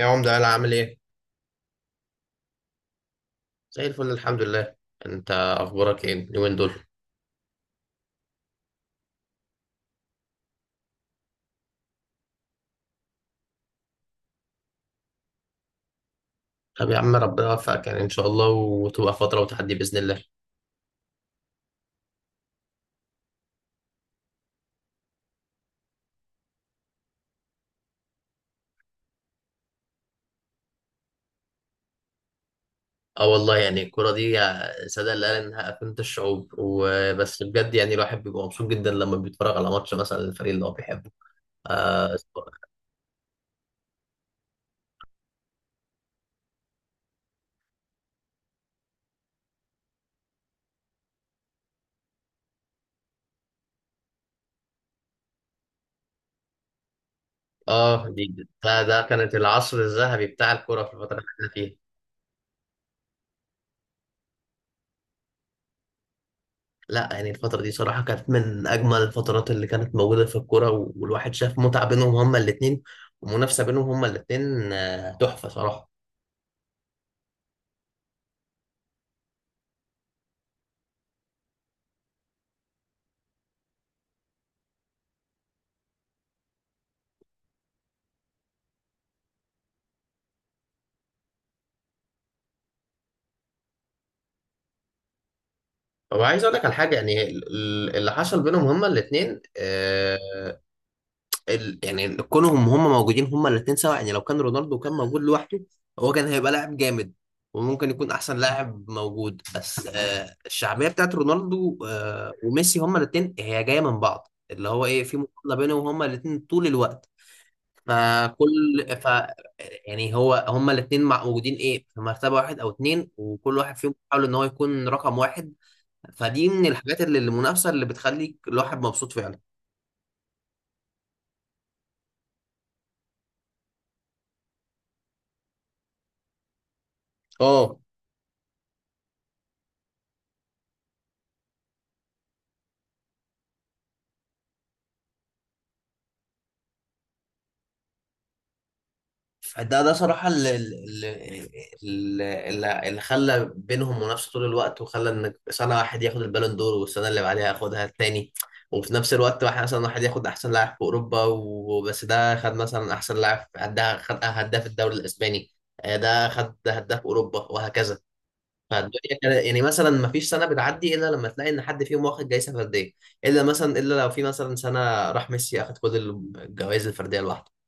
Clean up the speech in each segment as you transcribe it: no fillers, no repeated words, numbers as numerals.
يا عمدة، يلا عامل ايه؟ زي الفل الحمد لله. انت اخبارك ايه اليومين دول؟ طب يا عم ربنا يوفقك، يعني ان شاء الله وتبقى فترة وتحدي باذن الله. اه، والله يعني الكرة دي سادة اللي قال انها أفنت الشعوب وبس. بجد يعني الواحد بيبقى مبسوط جدا لما بيتفرج على ماتش مثلا الفريق اللي هو بيحبه. اه. اه دي. ده كانت العصر الذهبي بتاع الكرة في الفترة اللي احنا فيها. لا يعني الفترة دي صراحة كانت من أجمل الفترات اللي كانت موجودة في الكورة، والواحد شاف متعة بينهم هما الاتنين، ومنافسة بينهم هما الاتنين. تحفة صراحة. هو عايز أقول لك على حاجة، يعني اللي حصل بينهم هما الاتنين. يعني كونهم هما موجودين هما الاتنين سوا، يعني لو كان رونالدو كان موجود لوحده هو كان هيبقى لاعب جامد وممكن يكون أحسن لاعب موجود، بس الشعبية بتاعت رونالدو وميسي هما الاتنين هي جاية من بعض، اللي هو إيه، في مقارنة بينهم هما الاتنين طول الوقت. فكل ف يعني هو هما الاثنين موجودين، ايه، في مرتبه واحد او اتنين، وكل واحد فيهم بيحاول ان هو يكون رقم واحد. فدي من الحاجات اللي المنافسه اللي بتخليك الواحد مبسوط فعلا. اه. فده صراحة اللي اللي خلى بينهم منافسة طول الوقت، وخلى ان سنة واحد ياخد البالون دور والسنة اللي بعدها ياخدها التاني. وفي نفس الوقت واحد مثلا، واحد ياخد احسن لاعب في اوروبا وبس، ده خد مثلا احسن لاعب هداف، خد هداف الدوري الاسباني. ده خد هداف اوروبا وهكذا. يعني مثلا ما فيش سنة بتعدي الا لما تلاقي ان حد فيهم واخد جايزة فردية، الا مثلا الا لو في مثلا سنة راح ميسي اخد كل الجوائز الفردية لوحده.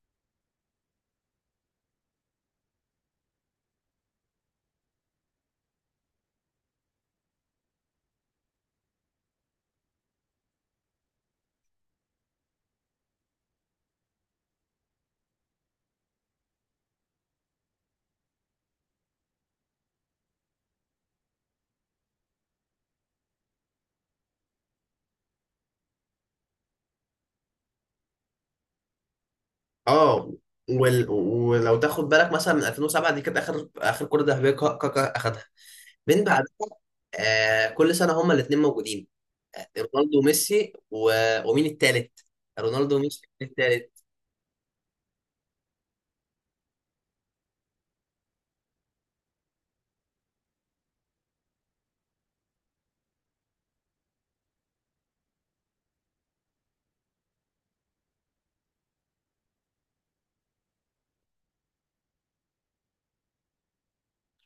اه. ولو تاخد بالك مثلا من 2007 دي كانت اخر كره ذهبيه كاكا اخدها، من بعدها كل سنه هما الاثنين موجودين. آه، رونالدو وميسي ومين التالت؟ رونالدو وميسي، مين التالت؟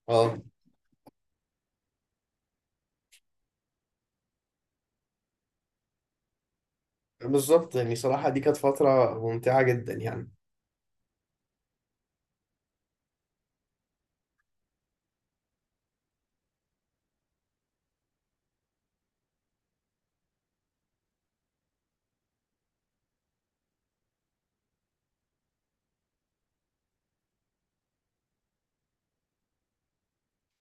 اه. بالظبط، يعني صراحة دي كانت فترة ممتعة جدا يعني.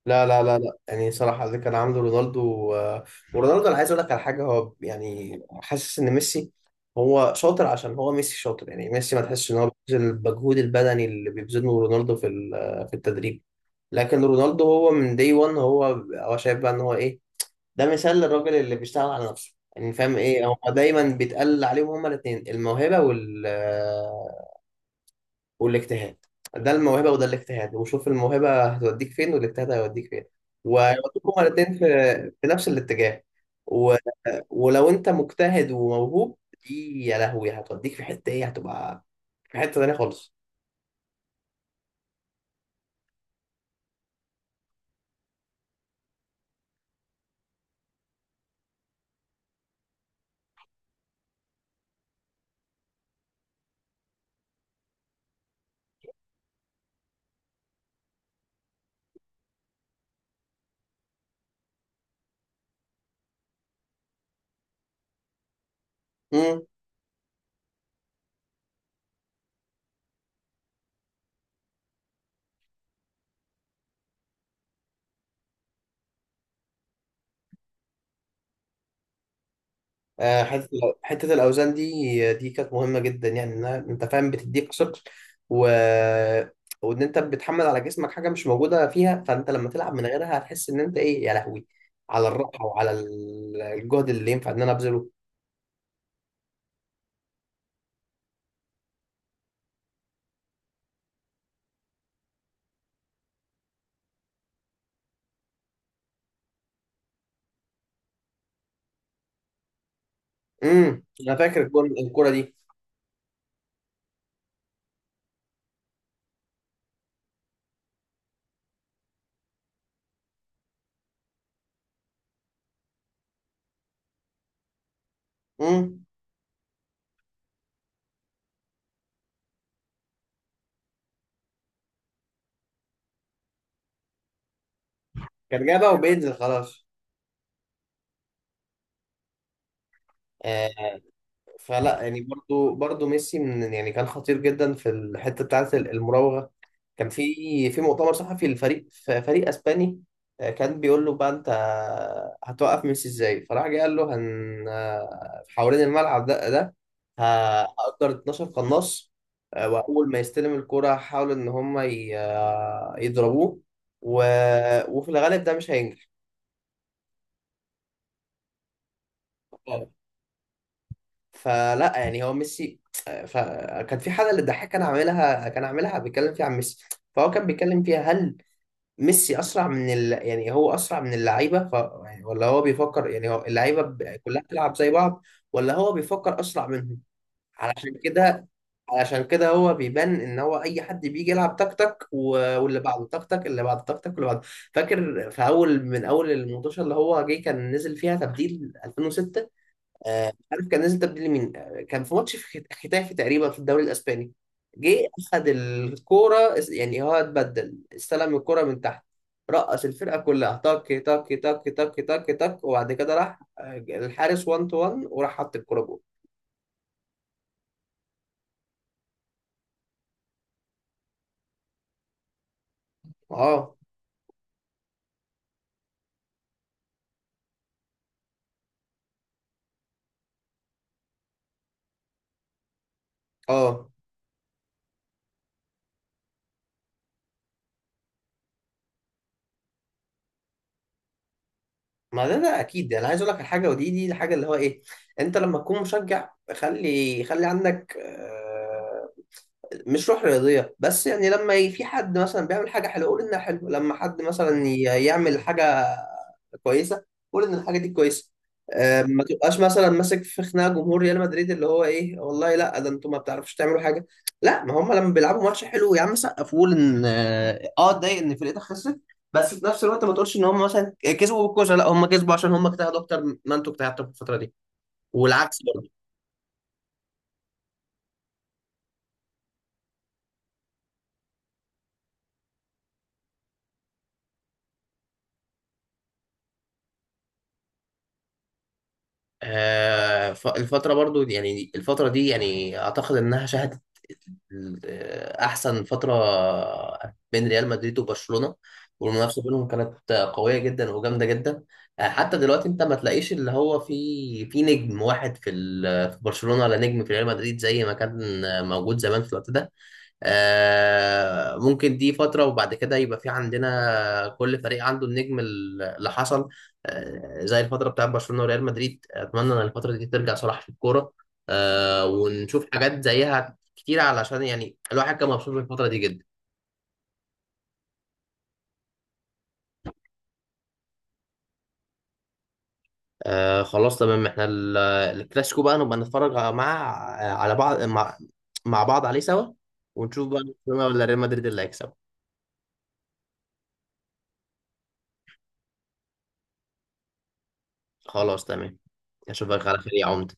لا لا لا لا، يعني صراحة اللي كان عامله رونالدو. ورونالدو، أنا عايز أقول لك على حاجة، هو يعني حاسس إن ميسي هو شاطر عشان هو، ميسي شاطر يعني. ميسي ما تحسش إن هو بيبذل المجهود البدني اللي بيبذله رونالدو في في التدريب. لكن رونالدو هو من دي 1. هو هو شايف بقى إن هو إيه، ده مثال للراجل اللي بيشتغل على نفسه. يعني فاهم، إيه هو دايما بيتقال عليهم هما الاتنين؟ الموهبة وال، والاجتهاد. ده الموهبه وده الاجتهاد، وشوف الموهبه هتوديك فين والاجتهاد هيوديك فين. ويوديك هما الاثنين في في نفس الاتجاه. و... ولو انت مجتهد وموهوب دي يا لهوي هتوديك في حته ايه، هتبقى في حته تانيه خالص. آه، حته حته الاوزان دي كانت مهمه جدا، يعني انها انت فاهم بتديك ثقل، و... وان انت بتحمل على جسمك حاجه مش موجوده فيها، فانت لما تلعب من غيرها هتحس ان انت ايه يا لهوي، على الراحه وعلى الجهد اللي ينفع ان انا ابذله. امم، انا فاكر الجون، الكوره دي. امم. كان جايبها وبينزل خلاص. آه، فلا يعني، برضو ميسي من، يعني كان خطير جدا في الحته بتاعت المراوغه. كان في مؤتمر صحفي للفريق، فريق اسباني. كان بيقول له بقى انت هتوقف ميسي ازاي، فراح جه قال له هن، حوالين الملعب ه- هأجر 12 قناص. واول ما يستلم الكرة هحاول ان هم يضربوه. و... وفي الغالب ده مش هينجح. فلا يعني هو ميسي. فكان في حاجه اللي الضحاك كان عاملها، كان عاملها بيتكلم فيها عن ميسي. فهو كان بيتكلم فيها، هل ميسي اسرع من يعني هو اسرع من اللعيبه يعني، ولا هو بيفكر يعني هو اللعيبه كلها بتلعب زي بعض، ولا هو بيفكر اسرع منهم؟ علشان كده، علشان كده هو بيبان ان هو اي حد بيجي يلعب تك تك، واللي بعده تك تك، اللي بعده تك تك، واللي بعده. فاكر في اول، من اول المنتشر اللي هو جه كان نزل فيها تبديل 2006. مش عارف كان نازل تبديل مين. كان في ماتش في ختافي تقريبا في الدوري الاسباني. جه اخد الكوره يعني هو اتبدل، استلم الكوره من تحت، رقص الفرقه كلها تك تك تك تك تك تك، وبعد كده راح الحارس 1 تو 1، وراح حط الكوره جول. اه. اه، ما ده ده اكيد، يعني انا عايز اقول لك الحاجه ودي، دي الحاجه اللي هو ايه، انت لما تكون مشجع خلي عندك مش روح رياضية بس. يعني لما في حد مثلا بيعمل حاجة حلوة قول إنها حلوة، لما حد مثلا يعمل حاجة كويسة قول إن الحاجة دي كويسة. ما تبقاش مثلا ماسك في خناقة جمهور ريال مدريد اللي هو إيه، والله لا، ده أنتوا ما بتعرفوش تعملوا حاجة. لا، ما هم لما بيلعبوا ماتش حلو يا عم سقف، وقول إن اتضايق إن فرقتك خسرت، بس في نفس الوقت ما تقولش إن هم مثلا كسبوا بالكوسة. لا، هم كسبوا عشان هم اجتهدوا أكتر ما أنتوا اجتهدتوا في الفترة دي، والعكس. الفترة برضو يعني الفترة دي يعني أعتقد إنها شهدت أحسن فترة بين ريال مدريد وبرشلونة. والمنافسة بينهم كانت قوية جدا وجامدة جدا. حتى دلوقتي أنت ما تلاقيش اللي هو في نجم واحد في في برشلونة، ولا نجم في ريال مدريد زي ما كان موجود زمان في الوقت ده. ممكن دي فترة وبعد كده يبقى في عندنا كل فريق عنده النجم اللي حصل. زي الفترة بتاعت برشلونة وريال مدريد، أتمنى إن الفترة دي ترجع صلاح في الكورة، ونشوف حاجات زيها كتير، علشان يعني الواحد كان مبسوط بالفترة دي جدا. خلاص تمام، احنا الكلاسيكو بقى نبقى نتفرج مع، على بعض، مع بعض عليه سوا، ونشوف بقى برشلونة ولا ريال مدريد اللي هيكسب. خلاص تمام، أشوفك على خير يا عمدة.